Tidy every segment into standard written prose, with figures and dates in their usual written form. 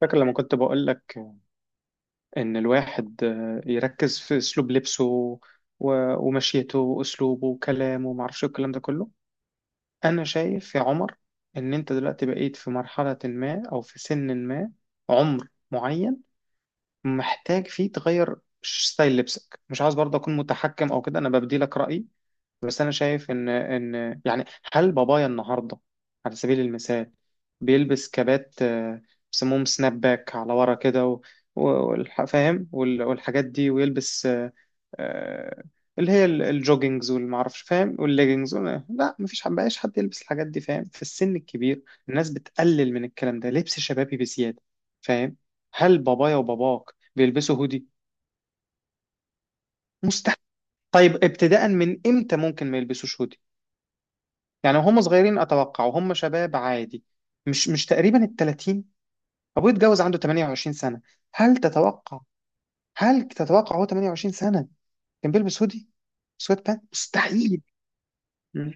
فاكر لما كنت بقول لك إن الواحد يركز في أسلوب لبسه ومشيته وأسلوبه وكلامه ومعرفش إيه الكلام ده كله. أنا شايف يا عمر إن أنت دلوقتي بقيت في مرحلة ما أو في سن ما، عمر معين محتاج فيه تغير ستايل لبسك. مش عاوز برضه أكون متحكم أو كده، أنا ببدي لك رأيي. بس انا شايف ان يعني، هل بابايا النهارده على سبيل المثال بيلبس كبات، بيسموهم سناب باك على ورا كده فاهم والحاجات دي، ويلبس آه، اللي هي الجوجينجز والمعرفش فاهم، والليجينجز لا، مفيش حد بقاش حد يلبس الحاجات دي فاهم في السن الكبير. الناس بتقلل من الكلام ده، لبس شبابي بزيادة فاهم. هل بابايا وباباك بيلبسوا هودي؟ مستحيل. طيب ابتداء من امتى ممكن ما يلبسوش هودي؟ يعني هم صغيرين اتوقع وهم شباب عادي، مش مش تقريبا ال 30؟ ابوه اتجوز عنده 28 سنه. هل تتوقع، هل تتوقع هو 28 سنه كان بيلبس هودي سويت بانت؟ مستحيل. مم.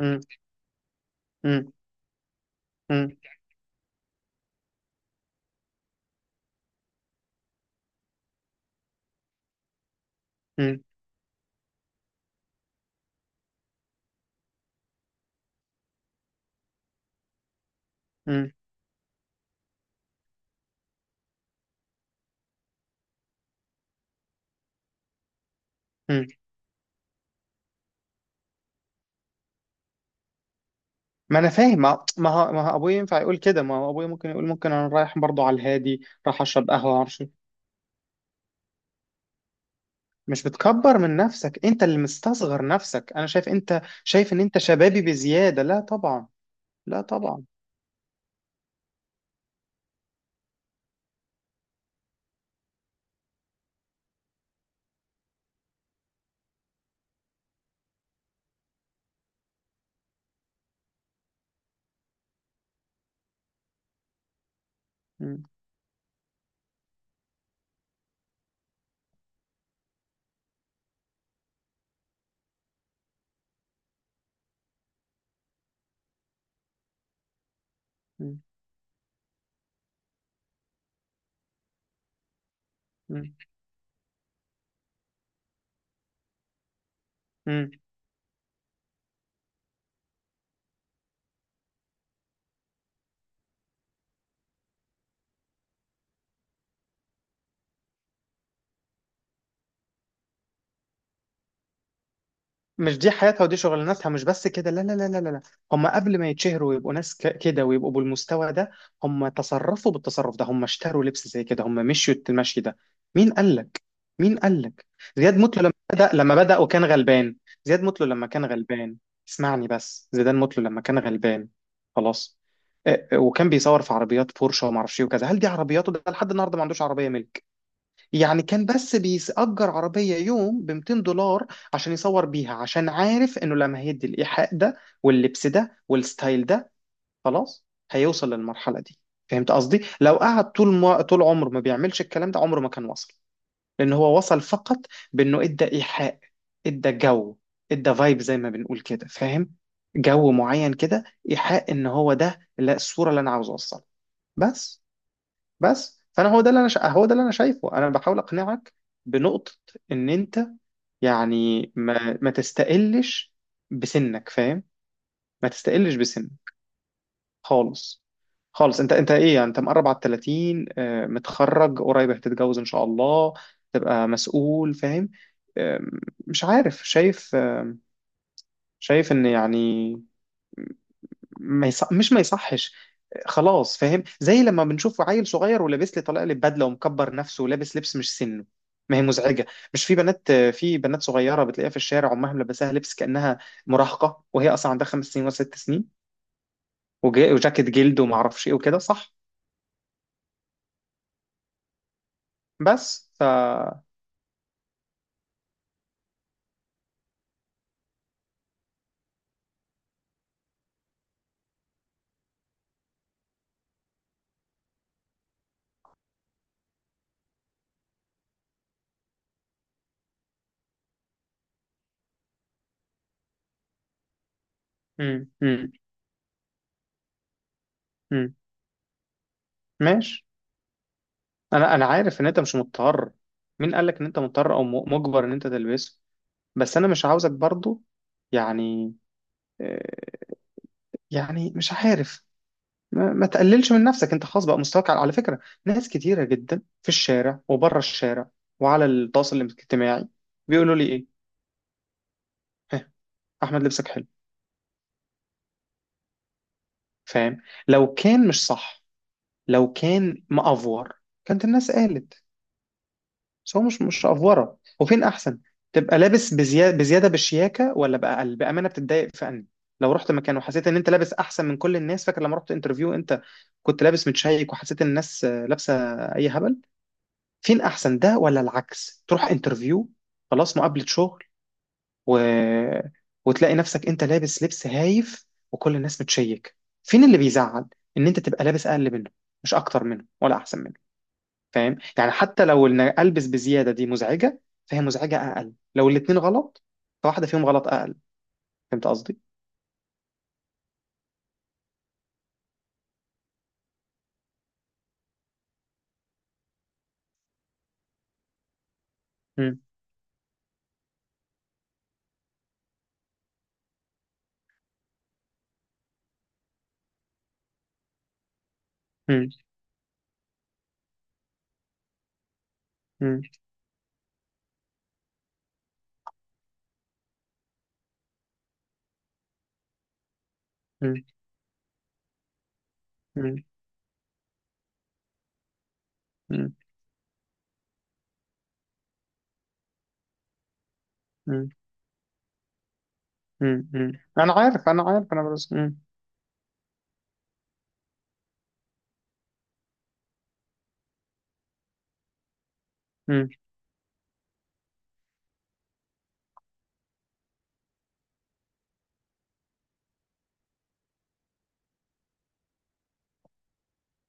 مم. مم. مم. مم. مم. مم. ما انا فاهم، ما ما هو، ما هو ابويا ينفع يقول كده؟ ما هو ابويا ممكن يقول، ممكن انا رايح برضو على الهادي، رايح اشرب قهوه معرفش إيه. مش بتكبر من نفسك، انت اللي مستصغر نفسك. انا شايف انت شايف ان انت شبابي بزياده؟ لا طبعا، لا طبعا. مم. مم. مم. مش دي حياتها ودي شغلانتها، مش بس كده، لا لا لا لا لا. هم قبل ما يتشهروا ويبقوا ناس كده ويبقوا بالمستوى ده، هم تصرفوا بالتصرف ده، هم اشتروا لبس زي كده، هم مشيوا المشي ده. مين قال لك؟ مين قال لك؟ زياد مطلو لما بدأ، لما بدأ وكان غلبان. زياد مطلو لما كان غلبان. اسمعني بس، زيدان مطلو لما كان غلبان. خلاص. وكان بيصور في عربيات بورشه وما اعرفش ايه وكذا. هل دي عربياته؟ ده لحد النهارده ما عندوش عربيه ملك. يعني كان بس بيأجر عربية يوم ب 200 دولار عشان يصور بيها، عشان عارف انه لما هيدي الإيحاء ده واللبس ده والستايل ده، خلاص، هيوصل للمرحلة دي. فهمت قصدي؟ لو قعد طول ما، طول عمره ما بيعملش الكلام ده، عمره ما كان وصل. لأن هو وصل فقط بأنه ادى إيحاء، ادى جو، ادى فايب زي ما بنقول كده، فاهم؟ جو معين كده، إيحاء ان هو ده، لا، الصورة اللي انا عاوز اوصلها. بس بس فانا هو ده اللي انا شايفه. انا بحاول اقنعك بنقطة، ان انت يعني، ما تستقلش بسنك فاهم، ما تستقلش بسنك خالص، خالص. انت انت ايه يعني، انت مقرب على ال 30، متخرج قريب، هتتجوز ان شاء الله، تبقى مسؤول فاهم. آه، مش عارف، شايف شايف ان يعني، ما يصح، مش ما يصحش، خلاص فاهم. زي لما بنشوف عيل صغير ولابس لي طلقه بدله ومكبر نفسه ولابس لبس مش سنه، ما هي مزعجه. مش في بنات، في بنات صغيره بتلاقيها في الشارع امها ملبساها لبس كانها مراهقه وهي اصلا عندها خمس سنين وست سنين وجاكيت جلد وما اعرفش ايه وكده، صح؟ بس ف، مم. مم. مم. ماشي. انا انا عارف ان انت مش مضطر. مين قال لك ان انت مضطر او مجبر ان انت تلبسه؟ بس انا مش عاوزك برضو يعني، آه، يعني مش عارف، ما تقللش من نفسك انت، خلاص بقى مستواك، على على فكرة ناس كتيرة جدا في الشارع وبره الشارع وعلى التواصل الاجتماعي بيقولوا لي ايه؟ ها؟ احمد لبسك حلو فاهم. لو كان مش صح، لو كان مأفور، كانت الناس قالت. بس هو مش مش أفورة. وفين احسن، تبقى لابس بزيادة بالشياكة ولا بأقل؟ بأمانة بتتضايق في أنهي؟ لو رحت مكان وحسيت ان انت لابس احسن من كل الناس، فاكر لما رحت انترفيو انت، كنت لابس متشيك وحسيت ان الناس لابسة اي هبل، فين احسن، ده ولا العكس؟ تروح انترفيو، خلاص، مقابلة شغل، و... وتلاقي نفسك انت لابس لبس هايف وكل الناس بتشيك، فين اللي بيزعل؟ ان انت تبقى لابس اقل منه، مش اكتر منه ولا احسن منه فاهم. يعني حتى لو ان البس بزيادة دي مزعجة، فهي مزعجة اقل، لو الاتنين غلط فواحدة فيهم غلط اقل. فهمت قصدي؟ مم. مم. مم. مم. مم. مم. مم. مم. انا عارف، انا عارف انا بس. مم.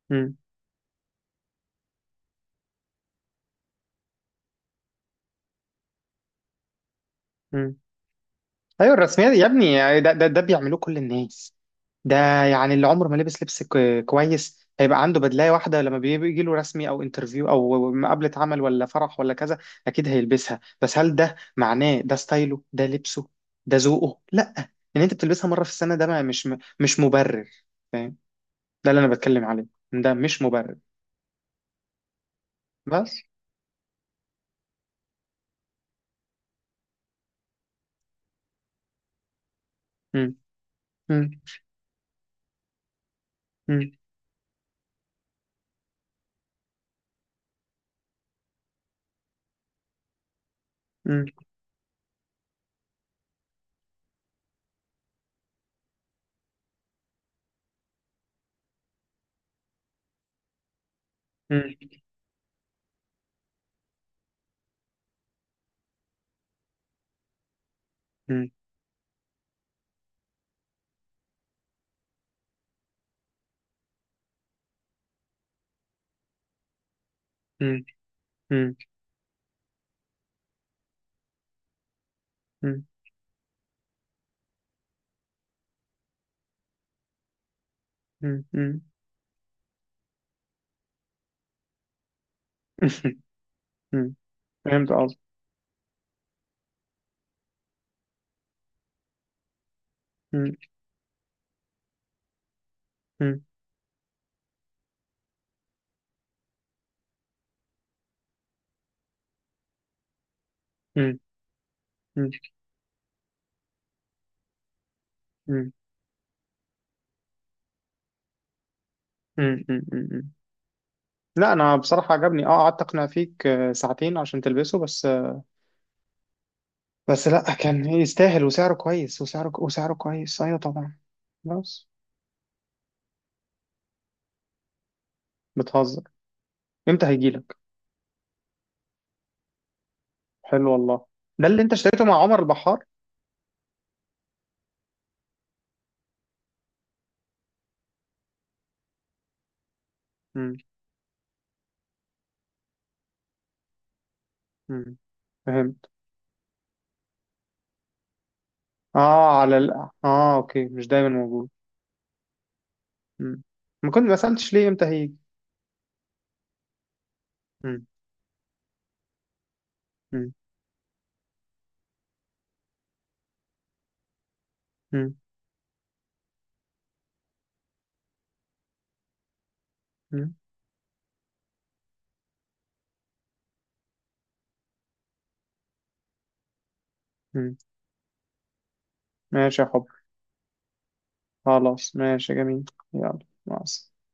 مم. مم. ايوه الرسميات يا ابني يعني، ده بيعملوه كل الناس ده. يعني اللي عمره ما لبس لبس كويس هيبقى عنده بدلايه واحده لما بيجي له رسمي او انترفيو او مقابله عمل ولا فرح ولا كذا. اكيد هيلبسها، بس هل ده معناه ده ستايله، ده لبسه، ده ذوقه؟ لا. ان انت بتلبسها مره في السنه، ده ما، مش مش مبرر فاهم. ده اللي انا بتكلم عليه، ده مش مبرر. بس، مم. مم. مم. مم. مم. مم. مم. مم. مم. مم. فهمت قصدي. مم. مم. مم. مم. مم. مم. لا انا بصراحه عجبني اه، قعدت اقنع فيك ساعتين عشان تلبسه بس بس لا كان يستاهل، وسعره كويس، وسعره كويس، ايوه طبعا، خلاص. بتهزر؟ امتى هيجيلك؟ حلو والله. ده اللي انت اشتريته مع عمر البحار؟ مم. مم. فهمت. اه على ال... اه، اوكي، مش دايما موجود. مم. ما كنت ما سالتش ليه امتى هيجي. مم. مم. مم. مم. مم. ماشي يا حب. خلاص، ماشي جميل. يلا، مع السلامه.